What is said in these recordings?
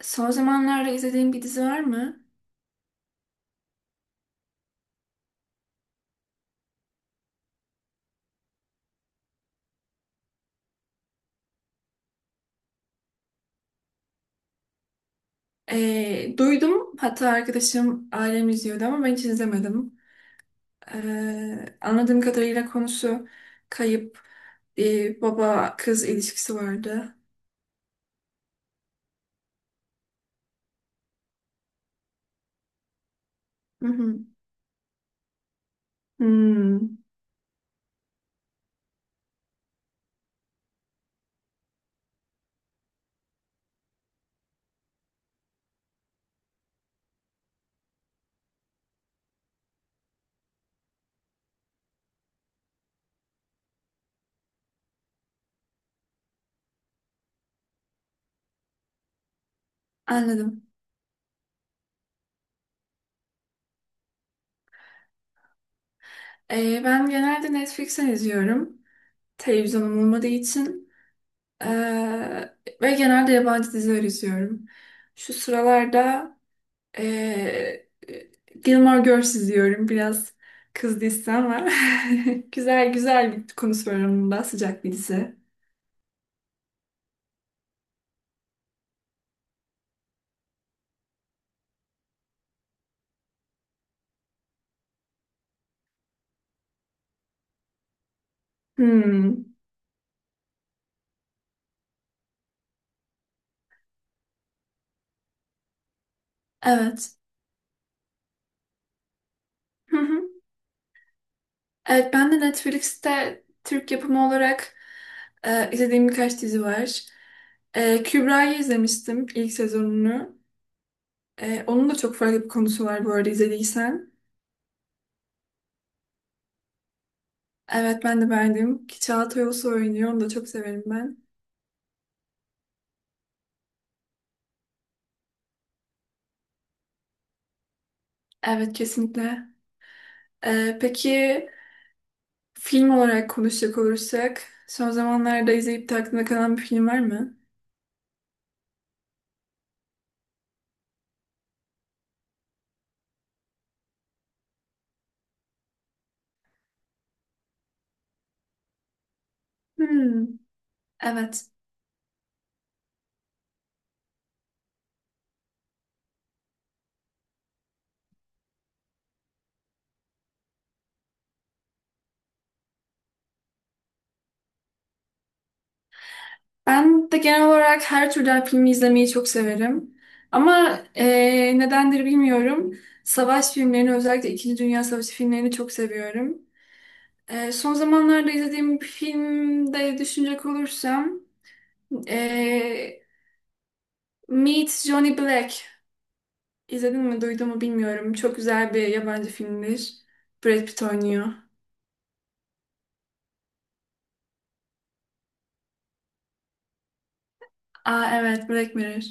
Son zamanlarda izlediğim bir dizi var mı? Duydum. Hatta arkadaşım ailem izliyordu ama ben hiç izlemedim. Anladığım kadarıyla konusu kayıp bir baba kız ilişkisi vardı. Hı hı. Hmm, anladım. Ben genelde Netflix'ten izliyorum. Televizyonum olmadığı için. Ee, Ve genelde yabancı diziler izliyorum. Şu sıralarda Ee, Gilmore Girls izliyorum. Biraz kız dizisi ama güzel bir konusu var onun da, sıcak bir dizi. Hmm, evet. Hı hı. Evet, ben de Netflix'te Türk yapımı olarak izlediğim birkaç dizi var. Kübra'yı izlemiştim, ilk sezonunu. Onun da çok farklı bir konusu var bu arada, izlediysen. Evet, ben de beğendim. Ki Çağatay Ulusoy oynuyor. Onu da çok severim ben. Evet, kesinlikle. Peki, film olarak konuşacak olursak, son zamanlarda izleyip de aklında kalan bir film var mı? Hmm, evet. Ben de genel olarak her türden filmi izlemeyi çok severim. Ama nedendir bilmiyorum. Savaş filmlerini, özellikle İkinci Dünya Savaşı filmlerini çok seviyorum. Son zamanlarda izlediğim bir filmde düşünecek olursam, eee Meet Johnny Black. İzledin mi, duydun mu bilmiyorum. Çok güzel bir yabancı filmdir. Brad Pitt oynuyor. Aa evet, Black Mirror.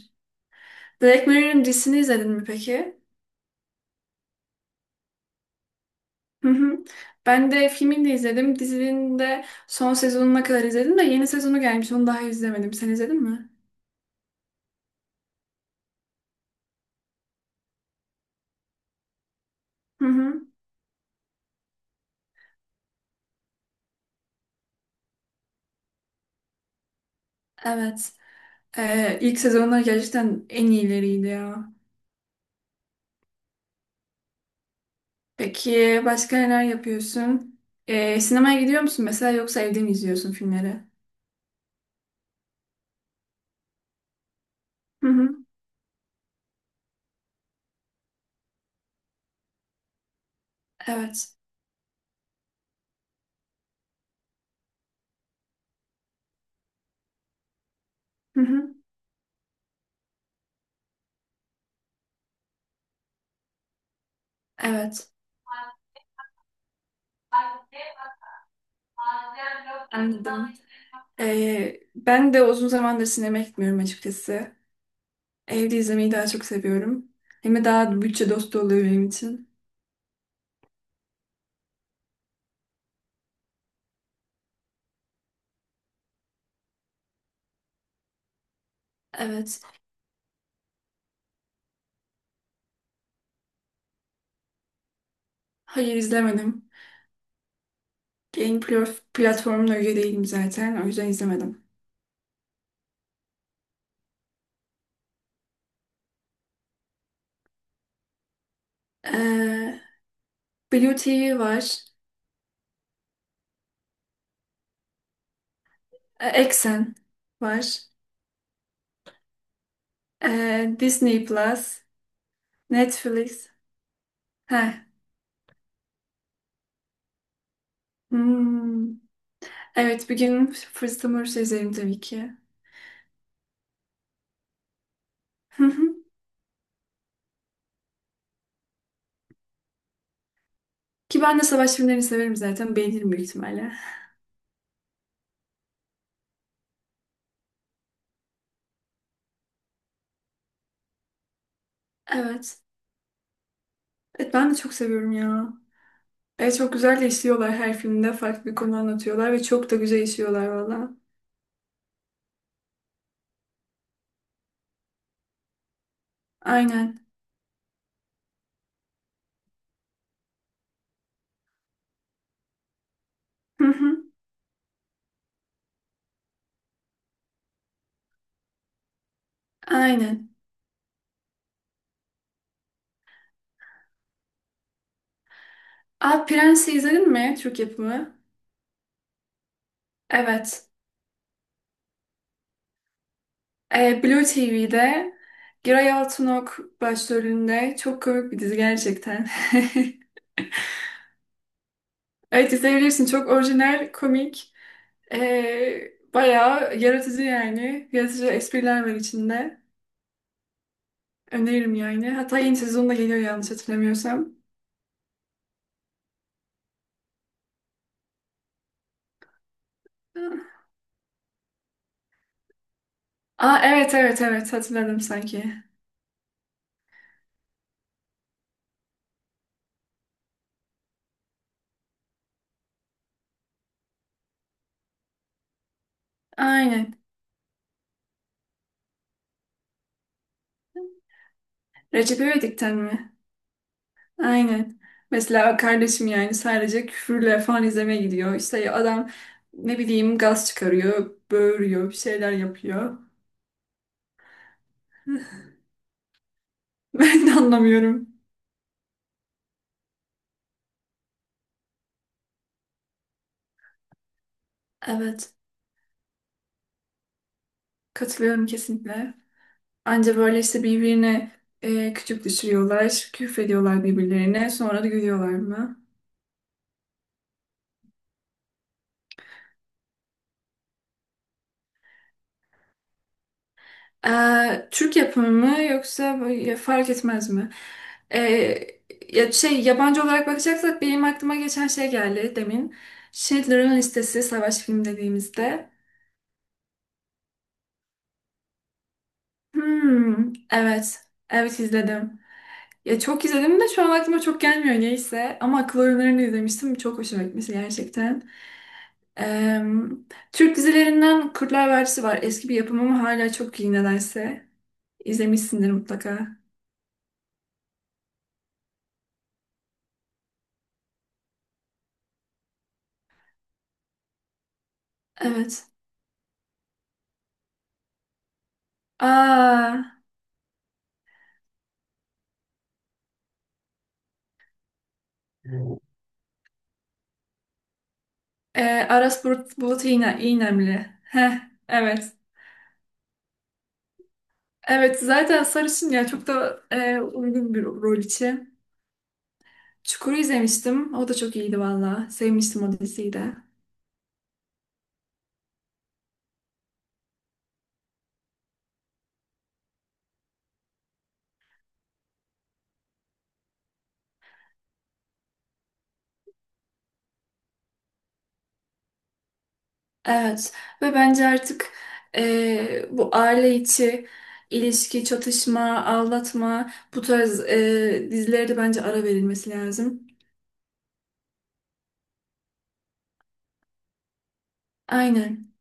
Black Mirror'ın dizisini izledin mi peki? Hı hı. Ben de filmini de izledim. Dizinin de son sezonuna kadar izledim de yeni sezonu gelmiş. Onu daha izlemedim. Sen izledin mi? Hı hı. Evet. İlk sezonlar gerçekten en iyileriydi ya. Peki başka neler yapıyorsun? Sinemaya gidiyor musun mesela, yoksa evde mi izliyorsun filmleri? Hı hı. Evet. Hı hı. Evet. Anladım. Ben de uzun zamandır sinemaya gitmiyorum açıkçası. Evde izlemeyi daha çok seviyorum. Hem de daha bütçe dostu oluyor benim için. Evet. Hayır, izlemedim. Platformuna üye değilim zaten. O yüzden izlemedim. Ee, Blue TV var. Exxen var. Disney Plus. Netflix. Heh. Hmm. Evet, bir gün fırsatım olursa izlerim tabii ki. Hı hı. Ki ben de savaş filmlerini severim zaten. Beğenirim büyük ihtimalle. Evet. Evet, ben de çok seviyorum ya. Evet, çok güzel de işliyorlar her filmde. Farklı bir konu anlatıyorlar ve çok da güzel işliyorlar valla. Aynen. Hı hı. Aynen. Aa, Prens'i izledin mi? Türk yapımı. Evet. Blue TV'de Giray Altınok başrolünde. Çok komik bir dizi gerçekten. Evet, izleyebilirsin. Çok orijinal, komik. Bayağı yaratıcı yani. Yaratıcı espriler var içinde. Öneririm yani. Hatta yeni sezonda geliyor, yanlış hatırlamıyorsam. Aa evet evet evet, hatırladım sanki. Aynen. Recep İvedik'ten mi? Aynen. Mesela kardeşim yani sadece küfürle falan izlemeye gidiyor. İşte adam, ne bileyim, gaz çıkarıyor, böğürüyor, bir şeyler yapıyor. Ben de anlamıyorum. Evet, katılıyorum kesinlikle. Anca böyle işte birbirine küçük düşürüyorlar, küfrediyorlar birbirlerine, sonra da gülüyorlar mı? Türk yapımı mı, yoksa böyle fark etmez mi? Ee, Ya şey, yabancı olarak bakacaksak benim aklıma geçen şey geldi demin. Schindler'ın Listesi, savaş filmi dediğimizde. Hmm, evet. Evet, izledim. Ya çok izledim de şu an aklıma çok gelmiyor, neyse. Ama akıl oyunlarını izlemiştim. Çok hoşuma gitmişti gerçekten. Ee, Türk dizilerinden Kurtlar Vadisi var. Eski bir yapım ama hala çok iyi nedense. İzlemişsindir mutlaka. Evet. Aa. Ee, Aras Bulut İğnemli. Heh, evet. Evet, zaten sarışın ya, çok da uygun bir rol için. Çukur'u izlemiştim. O da çok iyiydi valla. Sevmiştim o diziyi de. Evet, ve bence artık bu aile içi ilişki, çatışma, aldatma, bu tarz dizilere de bence ara verilmesi lazım. Aynen.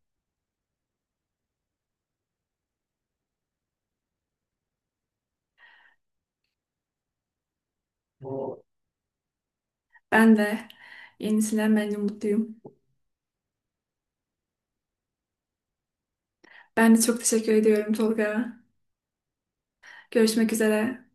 Ben de. Yenisinden bence mutluyum. Ben de çok teşekkür ediyorum Tolga. Görüşmek üzere.